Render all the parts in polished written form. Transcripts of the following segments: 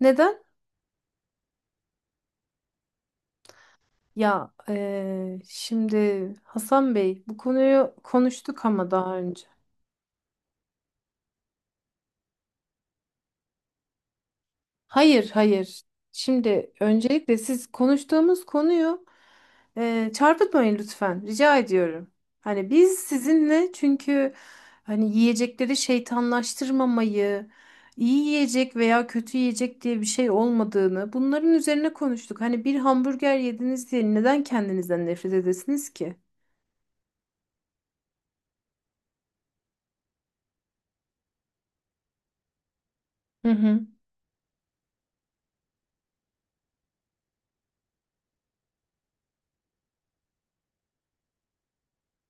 Neden? Ya şimdi Hasan Bey bu konuyu konuştuk ama daha önce. Hayır hayır. Şimdi öncelikle siz konuştuğumuz konuyu çarpıtmayın lütfen. Rica ediyorum. Hani biz sizinle çünkü hani yiyecekleri şeytanlaştırmamayı, iyi yiyecek veya kötü yiyecek diye bir şey olmadığını bunların üzerine konuştuk. Hani bir hamburger yediniz diye neden kendinizden nefret edesiniz ki? Hı hı,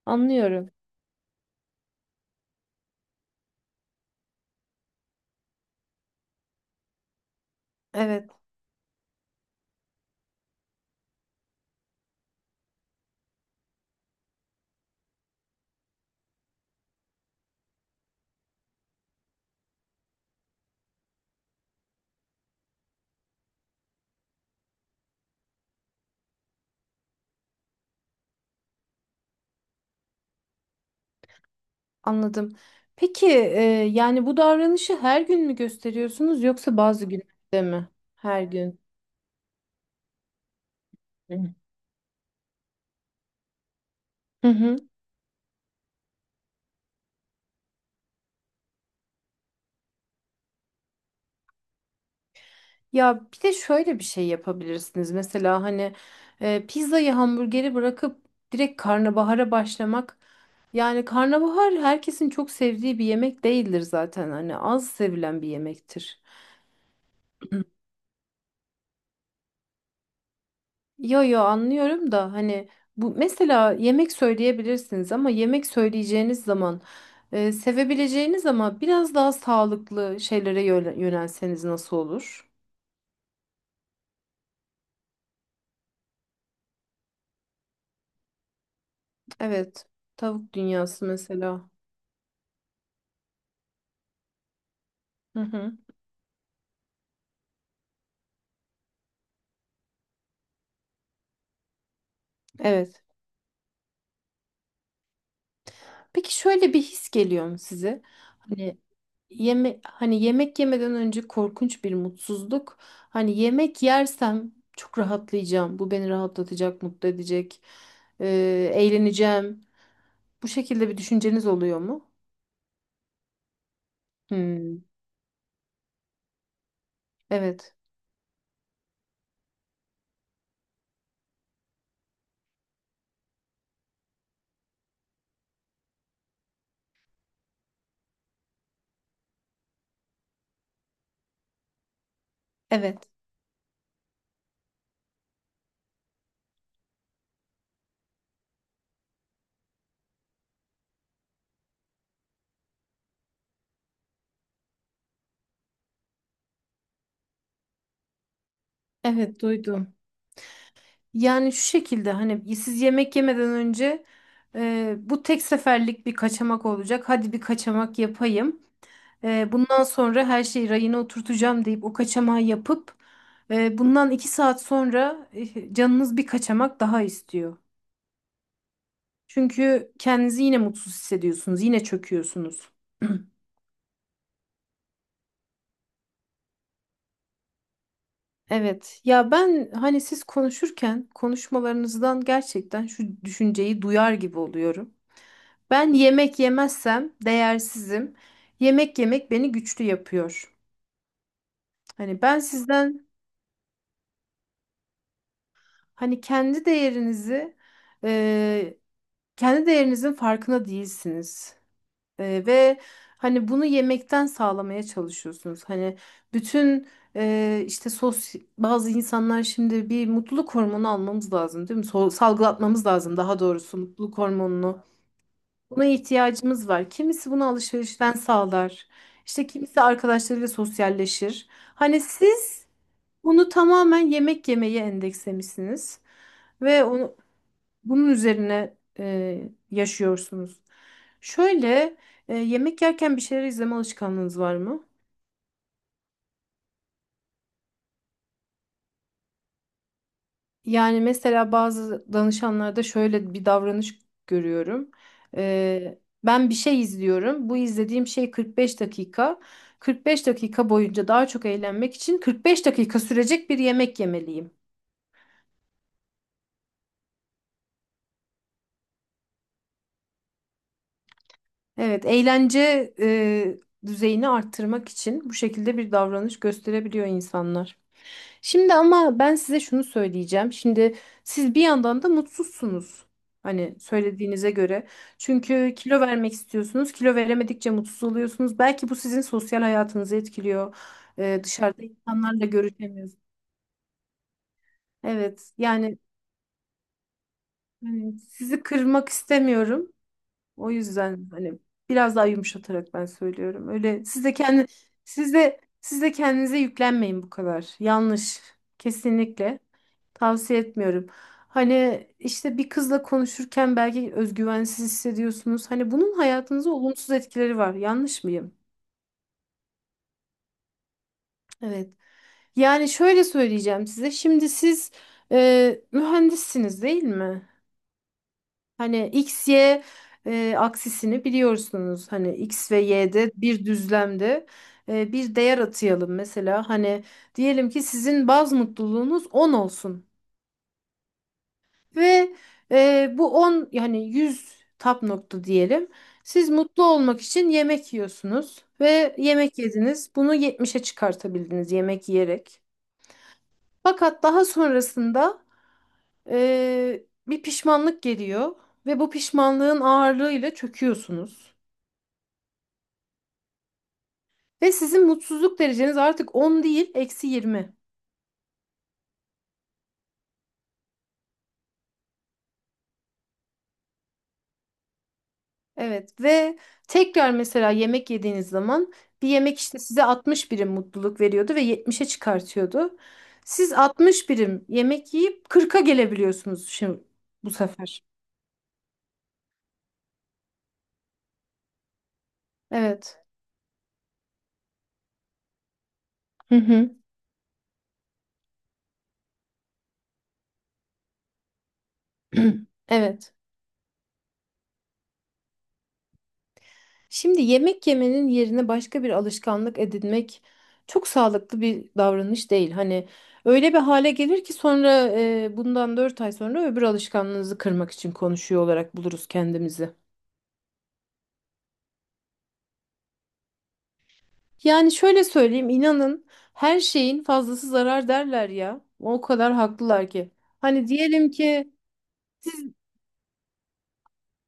anlıyorum. Evet. Anladım. Peki yani bu davranışı her gün mü gösteriyorsunuz yoksa bazı günlerde mi? Her gün. Hı. Hı hı. Ya bir de şöyle bir şey yapabilirsiniz. Mesela hani pizzayı hamburgeri bırakıp direkt karnabahara başlamak. Yani karnabahar herkesin çok sevdiği bir yemek değildir zaten. Hani az sevilen bir yemektir. Yo yo anlıyorum da hani bu mesela yemek söyleyebilirsiniz ama yemek söyleyeceğiniz zaman sevebileceğiniz ama biraz daha sağlıklı şeylere yönelseniz nasıl olur? Evet. Tavuk dünyası mesela. Hı hı. Evet. Peki şöyle bir his geliyor mu size? Hani yeme Hani yemek yemeden önce korkunç bir mutsuzluk. Hani yemek yersem çok rahatlayacağım. Bu beni rahatlatacak, mutlu edecek. e, Eğleneceğim. Bu şekilde bir düşünceniz oluyor mu? Hmm, evet. Evet. Evet duydum. Yani şu şekilde hani siz yemek yemeden önce bu tek seferlik bir kaçamak olacak. Hadi bir kaçamak yapayım. Bundan sonra her şeyi rayına oturtacağım deyip o kaçamağı yapıp bundan 2 saat sonra canınız bir kaçamak daha istiyor. Çünkü kendinizi yine mutsuz hissediyorsunuz. Yine çöküyorsunuz. Evet, ya ben hani siz konuşurken konuşmalarınızdan gerçekten şu düşünceyi duyar gibi oluyorum. Ben yemek yemezsem değersizim. Yemek yemek beni güçlü yapıyor. Hani ben sizden, hani kendi değerinizi, e, kendi değerinizin farkına değilsiniz. Ve hani bunu yemekten sağlamaya çalışıyorsunuz. Hani bütün işte sos bazı insanlar, şimdi bir mutluluk hormonu almamız lazım değil mi? Salgılatmamız lazım daha doğrusu mutluluk hormonunu. Buna ihtiyacımız var. Kimisi bunu alışverişten sağlar. İşte kimisi arkadaşlarıyla sosyalleşir. Hani siz bunu tamamen yemek yemeye endekslemişsiniz. Ve onu, bunun üzerine e, yaşıyorsunuz. Şöyle yemek yerken bir şeyler izleme alışkanlığınız var mı? Yani mesela bazı danışanlarda şöyle bir davranış görüyorum. Ben bir şey izliyorum. Bu izlediğim şey 45 dakika. 45 dakika boyunca daha çok eğlenmek için 45 dakika sürecek bir yemek yemeliyim. Evet, eğlence düzeyini arttırmak için bu şekilde bir davranış gösterebiliyor insanlar. Şimdi ama ben size şunu söyleyeceğim. Şimdi siz bir yandan da mutsuzsunuz. Hani söylediğinize göre. Çünkü kilo vermek istiyorsunuz. Kilo veremedikçe mutsuz oluyorsunuz. Belki bu sizin sosyal hayatınızı etkiliyor. Dışarıda insanlarla görüşemiyorsunuz. Evet, yani hani sizi kırmak istemiyorum. O yüzden hani biraz daha yumuşatarak ben söylüyorum. Öyle siz de kendinize yüklenmeyin bu kadar. Yanlış. Kesinlikle tavsiye etmiyorum. Hani işte bir kızla konuşurken belki özgüvensiz hissediyorsunuz. Hani bunun hayatınıza olumsuz etkileri var. Yanlış mıyım? Evet. Yani şöyle söyleyeceğim size. Şimdi siz mühendissiniz değil mi? Hani X, Y aksisini biliyorsunuz. Hani X ve Y'de bir düzlemde bir değer atayalım mesela. Hani diyelim ki sizin baz mutluluğunuz 10 olsun. Ve bu 10, yani 100 tap nokta diyelim. Siz mutlu olmak için yemek yiyorsunuz ve yemek yediniz. Bunu 70'e çıkartabildiniz yemek yiyerek. Fakat daha sonrasında bir pişmanlık geliyor ve bu pişmanlığın ağırlığıyla çöküyorsunuz. Ve sizin mutsuzluk dereceniz artık 10 değil, -20. Evet, ve tekrar mesela yemek yediğiniz zaman bir yemek işte size 60 birim mutluluk veriyordu ve 70'e çıkartıyordu. Siz 60 birim yemek yiyip 40'a gelebiliyorsunuz şimdi bu sefer. Evet. Hı hı. Evet. Şimdi yemek yemenin yerine başka bir alışkanlık edinmek çok sağlıklı bir davranış değil. Hani öyle bir hale gelir ki sonra bundan 4 ay sonra öbür alışkanlığınızı kırmak için konuşuyor olarak buluruz kendimizi. Yani şöyle söyleyeyim, inanın, her şeyin fazlası zarar derler ya. O kadar haklılar ki. Hani diyelim ki siz,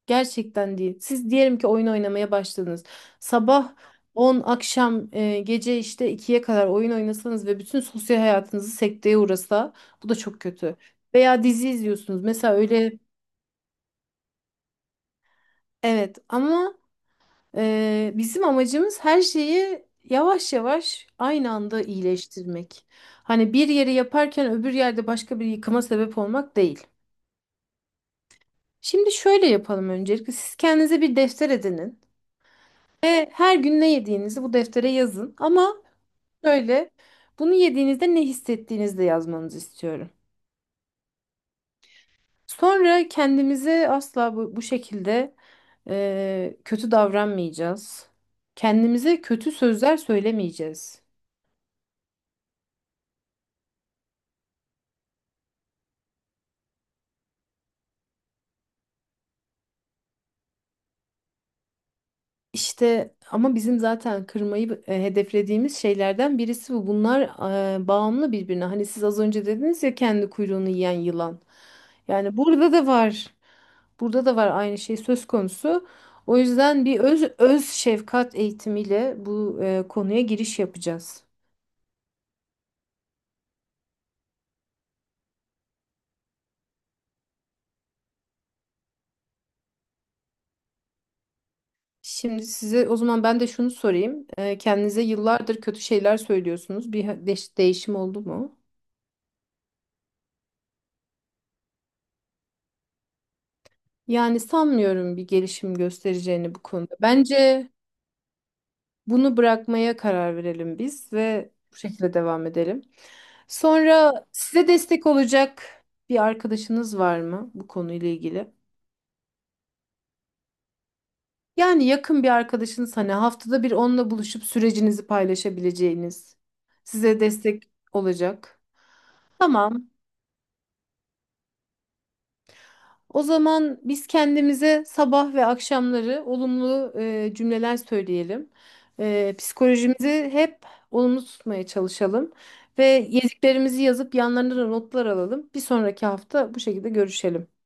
gerçekten değil. Siz diyelim ki oyun oynamaya başladınız. Sabah 10, akşam gece işte ikiye kadar oyun oynasanız ve bütün sosyal hayatınızı sekteye uğrasa, bu da çok kötü. Veya dizi izliyorsunuz. Mesela öyle, evet, ama bizim amacımız her şeyi yavaş yavaş aynı anda iyileştirmek. Hani bir yeri yaparken öbür yerde başka bir yıkıma sebep olmak değil. Şimdi şöyle yapalım öncelikle. Siz kendinize bir defter edinin. Ve her gün ne yediğinizi bu deftere yazın. Ama şöyle, bunu yediğinizde ne hissettiğinizi de yazmanızı istiyorum. Sonra kendimize asla bu şekilde kötü davranmayacağız. Kendimize kötü sözler söylemeyeceğiz. İşte ama bizim zaten kırmayı hedeflediğimiz şeylerden birisi bu. Bunlar bağımlı birbirine. Hani siz az önce dediniz ya, kendi kuyruğunu yiyen yılan. Yani burada da var. Burada da var, aynı şey söz konusu. O yüzden bir öz şefkat eğitimiyle bu konuya giriş yapacağız. Şimdi size o zaman ben de şunu sorayım. Kendinize yıllardır kötü şeyler söylüyorsunuz. Bir değişim oldu mu? Yani sanmıyorum bir gelişim göstereceğini bu konuda. Bence, bunu bırakmaya karar verelim biz ve bu şekilde devam edelim. Sonra size destek olacak bir arkadaşınız var mı bu konuyla ilgili? Yani yakın bir arkadaşınız, hani haftada bir onunla buluşup sürecinizi paylaşabileceğiniz, size destek olacak. Tamam. O zaman biz kendimize sabah ve akşamları olumlu cümleler söyleyelim. Psikolojimizi hep olumlu tutmaya çalışalım ve yediklerimizi yazıp yanlarına da notlar alalım. Bir sonraki hafta bu şekilde görüşelim.